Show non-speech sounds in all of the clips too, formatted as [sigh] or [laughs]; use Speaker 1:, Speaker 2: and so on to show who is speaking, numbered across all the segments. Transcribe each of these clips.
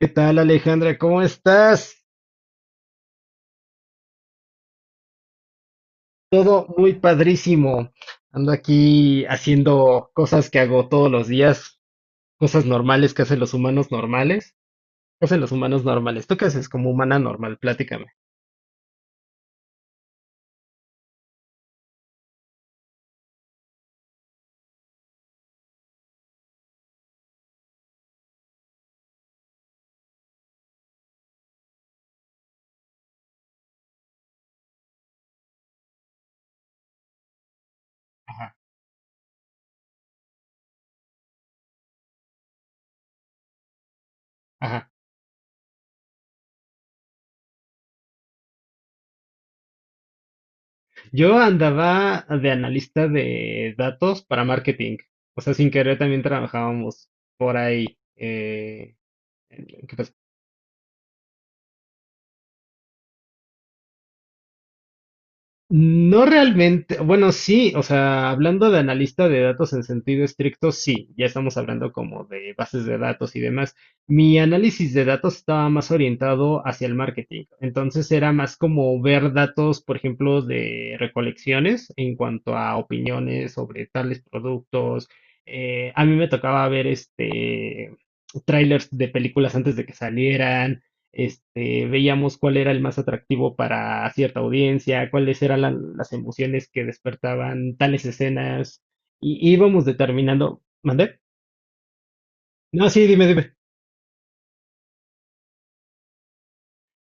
Speaker 1: ¿Qué tal, Alejandra? ¿Cómo estás? Todo muy padrísimo. Ando aquí haciendo cosas que hago todos los días, cosas normales que hacen los humanos normales. ¿Qué hacen los humanos normales? ¿Tú qué haces como humana normal? Platícame. Ajá, ajá. Yo andaba de analista de datos para marketing. O sea, sin querer también trabajábamos por ahí. eh, No realmente, bueno, sí, o sea, hablando de analista de datos en sentido estricto, sí, ya estamos hablando como de bases de datos y demás. Mi análisis de datos estaba más orientado hacia el marketing, entonces era más como ver datos, por ejemplo, de recolecciones en cuanto a opiniones sobre tales productos. A mí me tocaba ver trailers de películas antes de que salieran veíamos cuál era el más atractivo para cierta audiencia, cuáles eran las emociones que despertaban tales escenas, y íbamos determinando, ¿mandé? No, sí, dime, dime.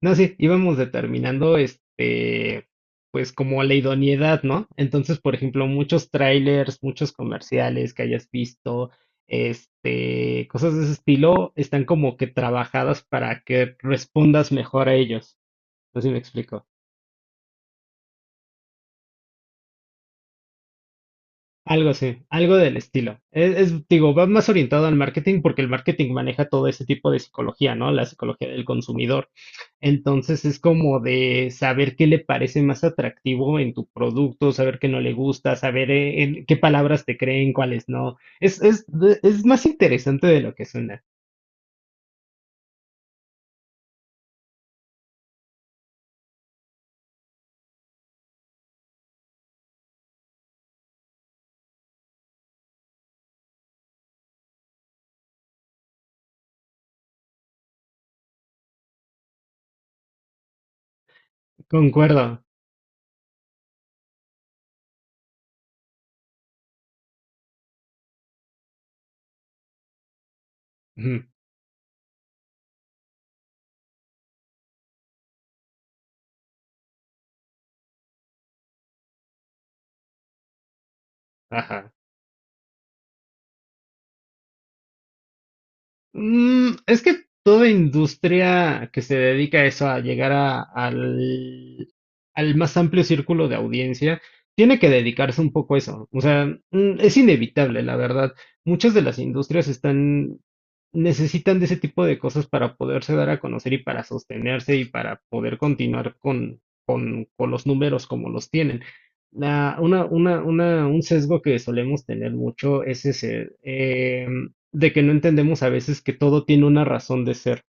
Speaker 1: No, sí, íbamos determinando, pues como la idoneidad, ¿no? Entonces, por ejemplo, muchos trailers, muchos comerciales que hayas visto, cosas de ese estilo, están como que trabajadas para que respondas mejor a ellos. No sé si me explico. Algo así, algo del estilo. Digo, va más orientado al marketing porque el marketing maneja todo ese tipo de psicología, ¿no? La psicología del consumidor. Entonces es como de saber qué le parece más atractivo en tu producto, saber qué no le gusta, saber en qué palabras te creen, cuáles no. Es más interesante de lo que suena. Concuerdo. Ujú. Ajá. Es que toda industria que se dedica a eso, a llegar al, al más amplio círculo de audiencia, tiene que dedicarse un poco a eso. O sea, es inevitable, la verdad. Muchas de las industrias están, necesitan de ese tipo de cosas para poderse dar a conocer y para sostenerse y para poder continuar con, con los números como los tienen. La, una, un sesgo que solemos tener mucho es ese. De que no entendemos a veces que todo tiene una razón de ser.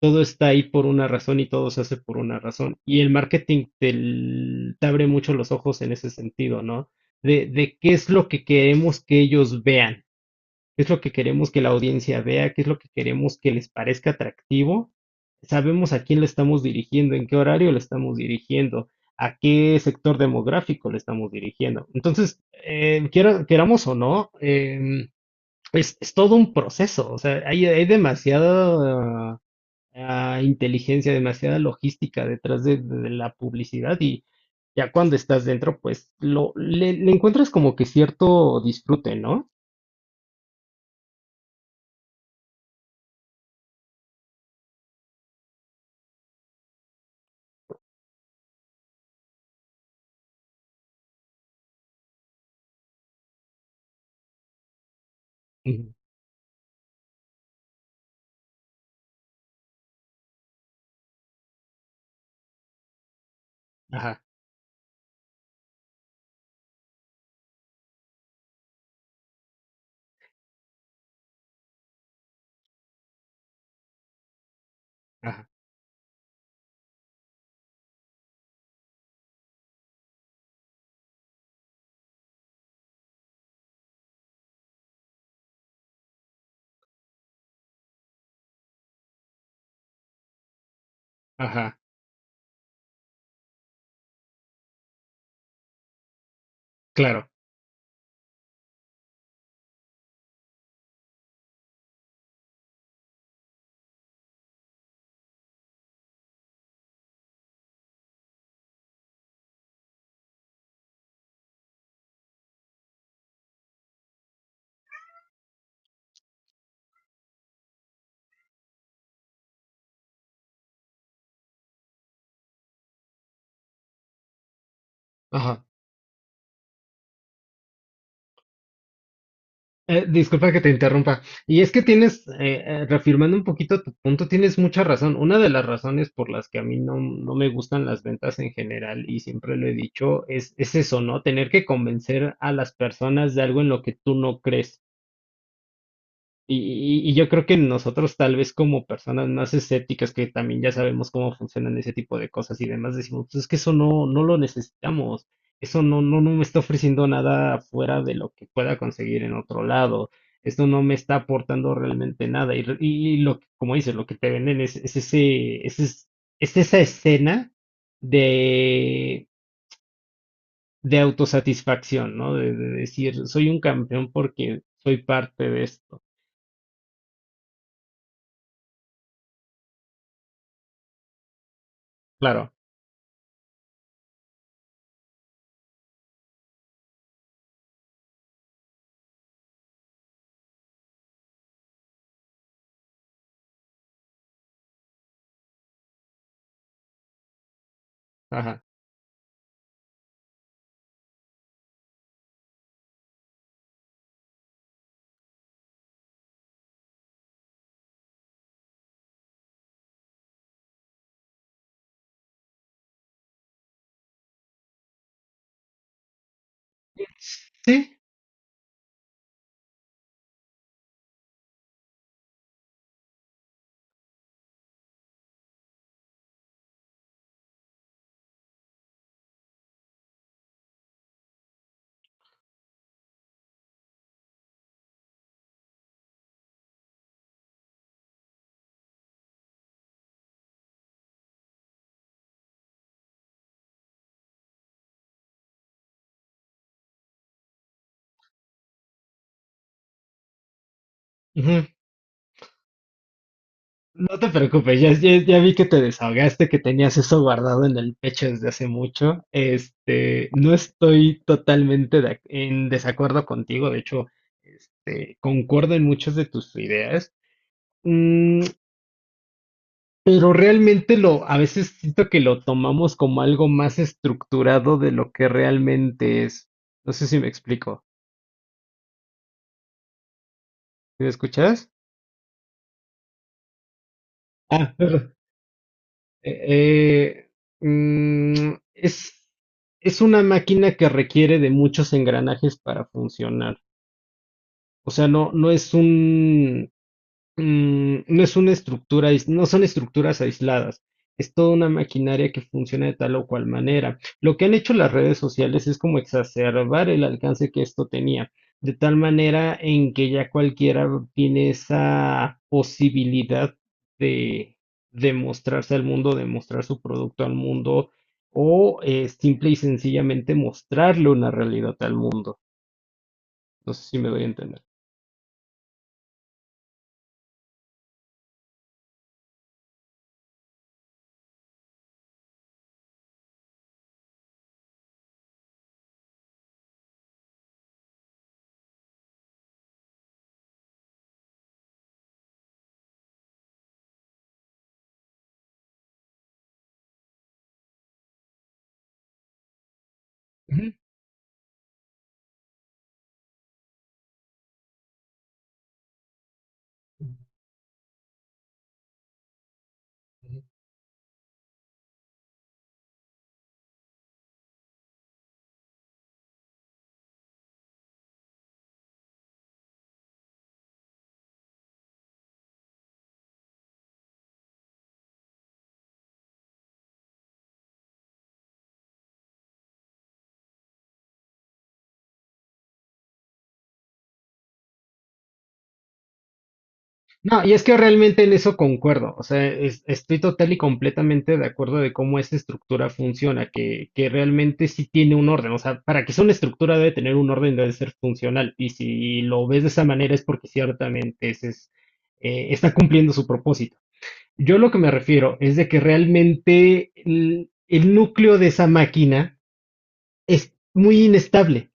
Speaker 1: Todo está ahí por una razón y todo se hace por una razón. Y el marketing te, te abre mucho los ojos en ese sentido, ¿no? De qué es lo que queremos que ellos vean, qué es lo que queremos que la audiencia vea, qué es lo que queremos que les parezca atractivo. Sabemos a quién le estamos dirigiendo, en qué horario le estamos dirigiendo, a qué sector demográfico le estamos dirigiendo. Entonces, queramos o no, es todo un proceso, o sea, hay demasiada inteligencia, demasiada logística detrás de la publicidad y ya cuando estás dentro, pues lo, le encuentras como que cierto disfrute, ¿no? Ujú. Ajá, ajá, ajá, claro. Ajá. Disculpa que te interrumpa. Y es que tienes, reafirmando un poquito tu punto, tienes mucha razón. Una de las razones por las que a mí no, no me gustan las ventas en general, y siempre lo he dicho, es eso, ¿no? Tener que convencer a las personas de algo en lo que tú no crees. Y, y y yo creo que nosotros tal vez como personas más escépticas que también ya sabemos cómo funcionan ese tipo de cosas y demás, decimos, pues es que eso no, no lo necesitamos, eso no, no, no me está ofreciendo nada fuera de lo que pueda conseguir en otro lado, esto no me está aportando realmente nada. Y lo que, como dices, lo que te venden es esa escena de, de autosatisfacción, ¿no? De decir, soy un campeón porque soy parte de esto. Claro, ajá. Sí. Ujú. No te preocupes, ya vi que te desahogaste, que tenías eso guardado en el pecho desde hace mucho. Este, no estoy totalmente de en desacuerdo contigo, de hecho, este, concuerdo en muchas de tus ideas. Mm, pero realmente lo, a veces siento que lo tomamos como algo más estructurado de lo que realmente es. No sé si me explico. ¿Sí? ¿Me escuchas? Ah. [laughs] Eh, eh, mm, es, es una máquina que requiere de muchos engranajes para funcionar. O sea, no, no es una estructura, no son estructuras aisladas, es toda una maquinaria que funciona de tal o cual manera. Lo que han hecho las redes sociales es como exacerbar el alcance que esto tenía, de tal manera en que ya cualquiera tiene esa posibilidad de, de mostrarse al mundo, de mostrar su producto al mundo, o simple y sencillamente mostrarle una realidad al mundo. No sé si me doy a entender. Ujú. No, y es que realmente en eso concuerdo, o sea, estoy total y completamente de acuerdo de cómo esta estructura funciona, que realmente sí tiene un orden, o sea, para que sea una estructura debe tener un orden, debe ser funcional, y si lo ves de esa manera es porque ciertamente ese es, está cumpliendo su propósito. Yo lo que me refiero es de que realmente el núcleo de esa máquina es muy inestable.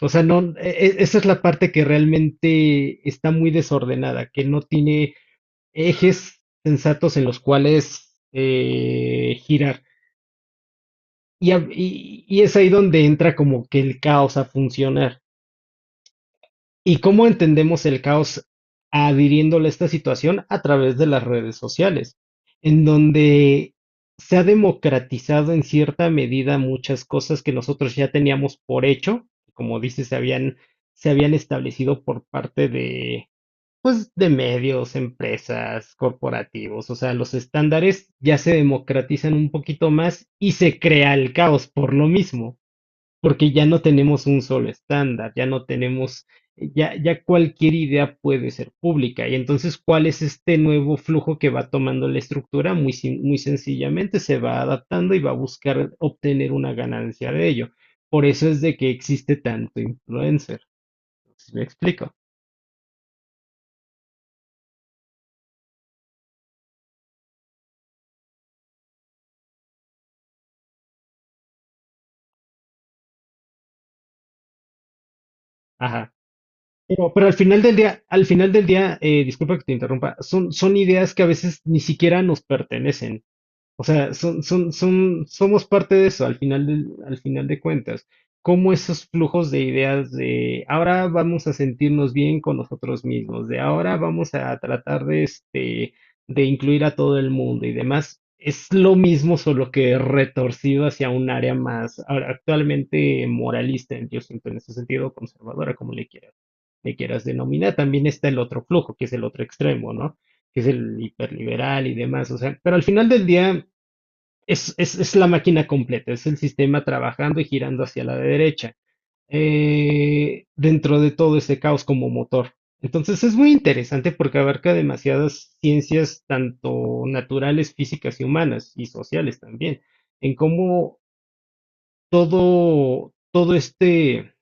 Speaker 1: O sea, no, esa es la parte que realmente está muy desordenada, que no tiene ejes sensatos en los cuales girar. Y, y es ahí donde entra como que el caos a funcionar. ¿Y cómo entendemos el caos adhiriéndole a esta situación? A través de las redes sociales, en donde se ha democratizado en cierta medida muchas cosas que nosotros ya teníamos por hecho, como dices, se habían establecido por parte de, pues de medios, empresas, corporativos, o sea, los estándares ya se democratizan un poquito más y se crea el caos por lo mismo, porque ya no tenemos un solo estándar, ya no tenemos, ya cualquier idea puede ser pública. Y entonces, ¿cuál es este nuevo flujo que va tomando la estructura? Muy, sin- Muy sencillamente se va adaptando y va a buscar obtener una ganancia de ello. Por eso es de que existe tanto influencer. ¿Sí me explico? Ajá. Pero al final del día, al final del día, disculpa que te interrumpa, son, son ideas que a veces ni siquiera nos pertenecen. O sea, son, somos parte de eso al al final de cuentas. Cómo esos flujos de ideas de ahora vamos a sentirnos bien con nosotros mismos, de ahora vamos a tratar de, de incluir a todo el mundo y demás, es lo mismo, solo que retorcido hacia un área más, ahora, actualmente moralista, yo siento en ese sentido, conservadora, como le quieras denominar. También está el otro flujo, que es el otro extremo, ¿no? Que es el hiperliberal y demás. O sea, pero al final del día, es la máquina completa, es el sistema trabajando y girando hacia la derecha, dentro de todo ese caos como motor. Entonces es muy interesante porque abarca demasiadas ciencias, tanto naturales, físicas y humanas, y sociales también, en cómo todo este,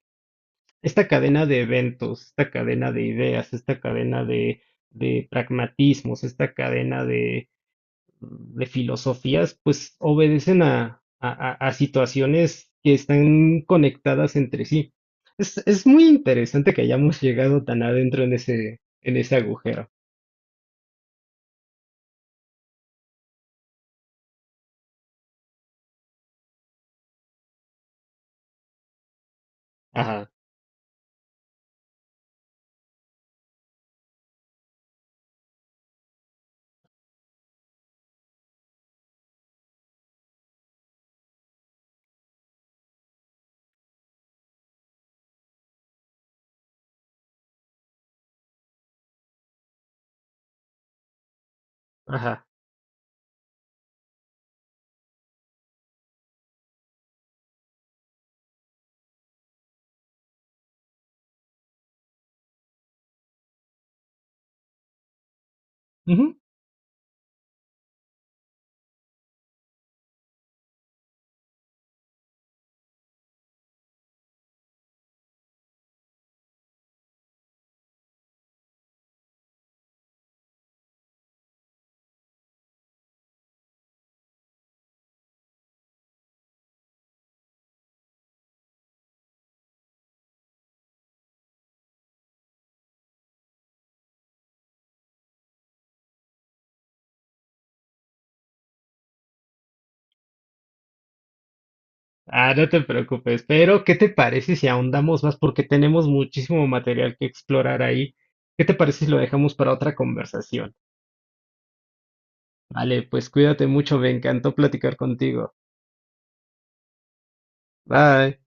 Speaker 1: esta cadena de eventos, esta cadena de ideas, esta cadena de pragmatismos, esta cadena de filosofías, pues obedecen a, a situaciones que están conectadas entre sí. Es muy interesante que hayamos llegado tan adentro en ese agujero. Ajá, ajá. Ujú. Ah, no te preocupes, pero ¿qué te parece si ahondamos más? Porque tenemos muchísimo material que explorar ahí. ¿Qué te parece si lo dejamos para otra conversación? Vale, pues cuídate mucho, me encantó platicar contigo. Bye.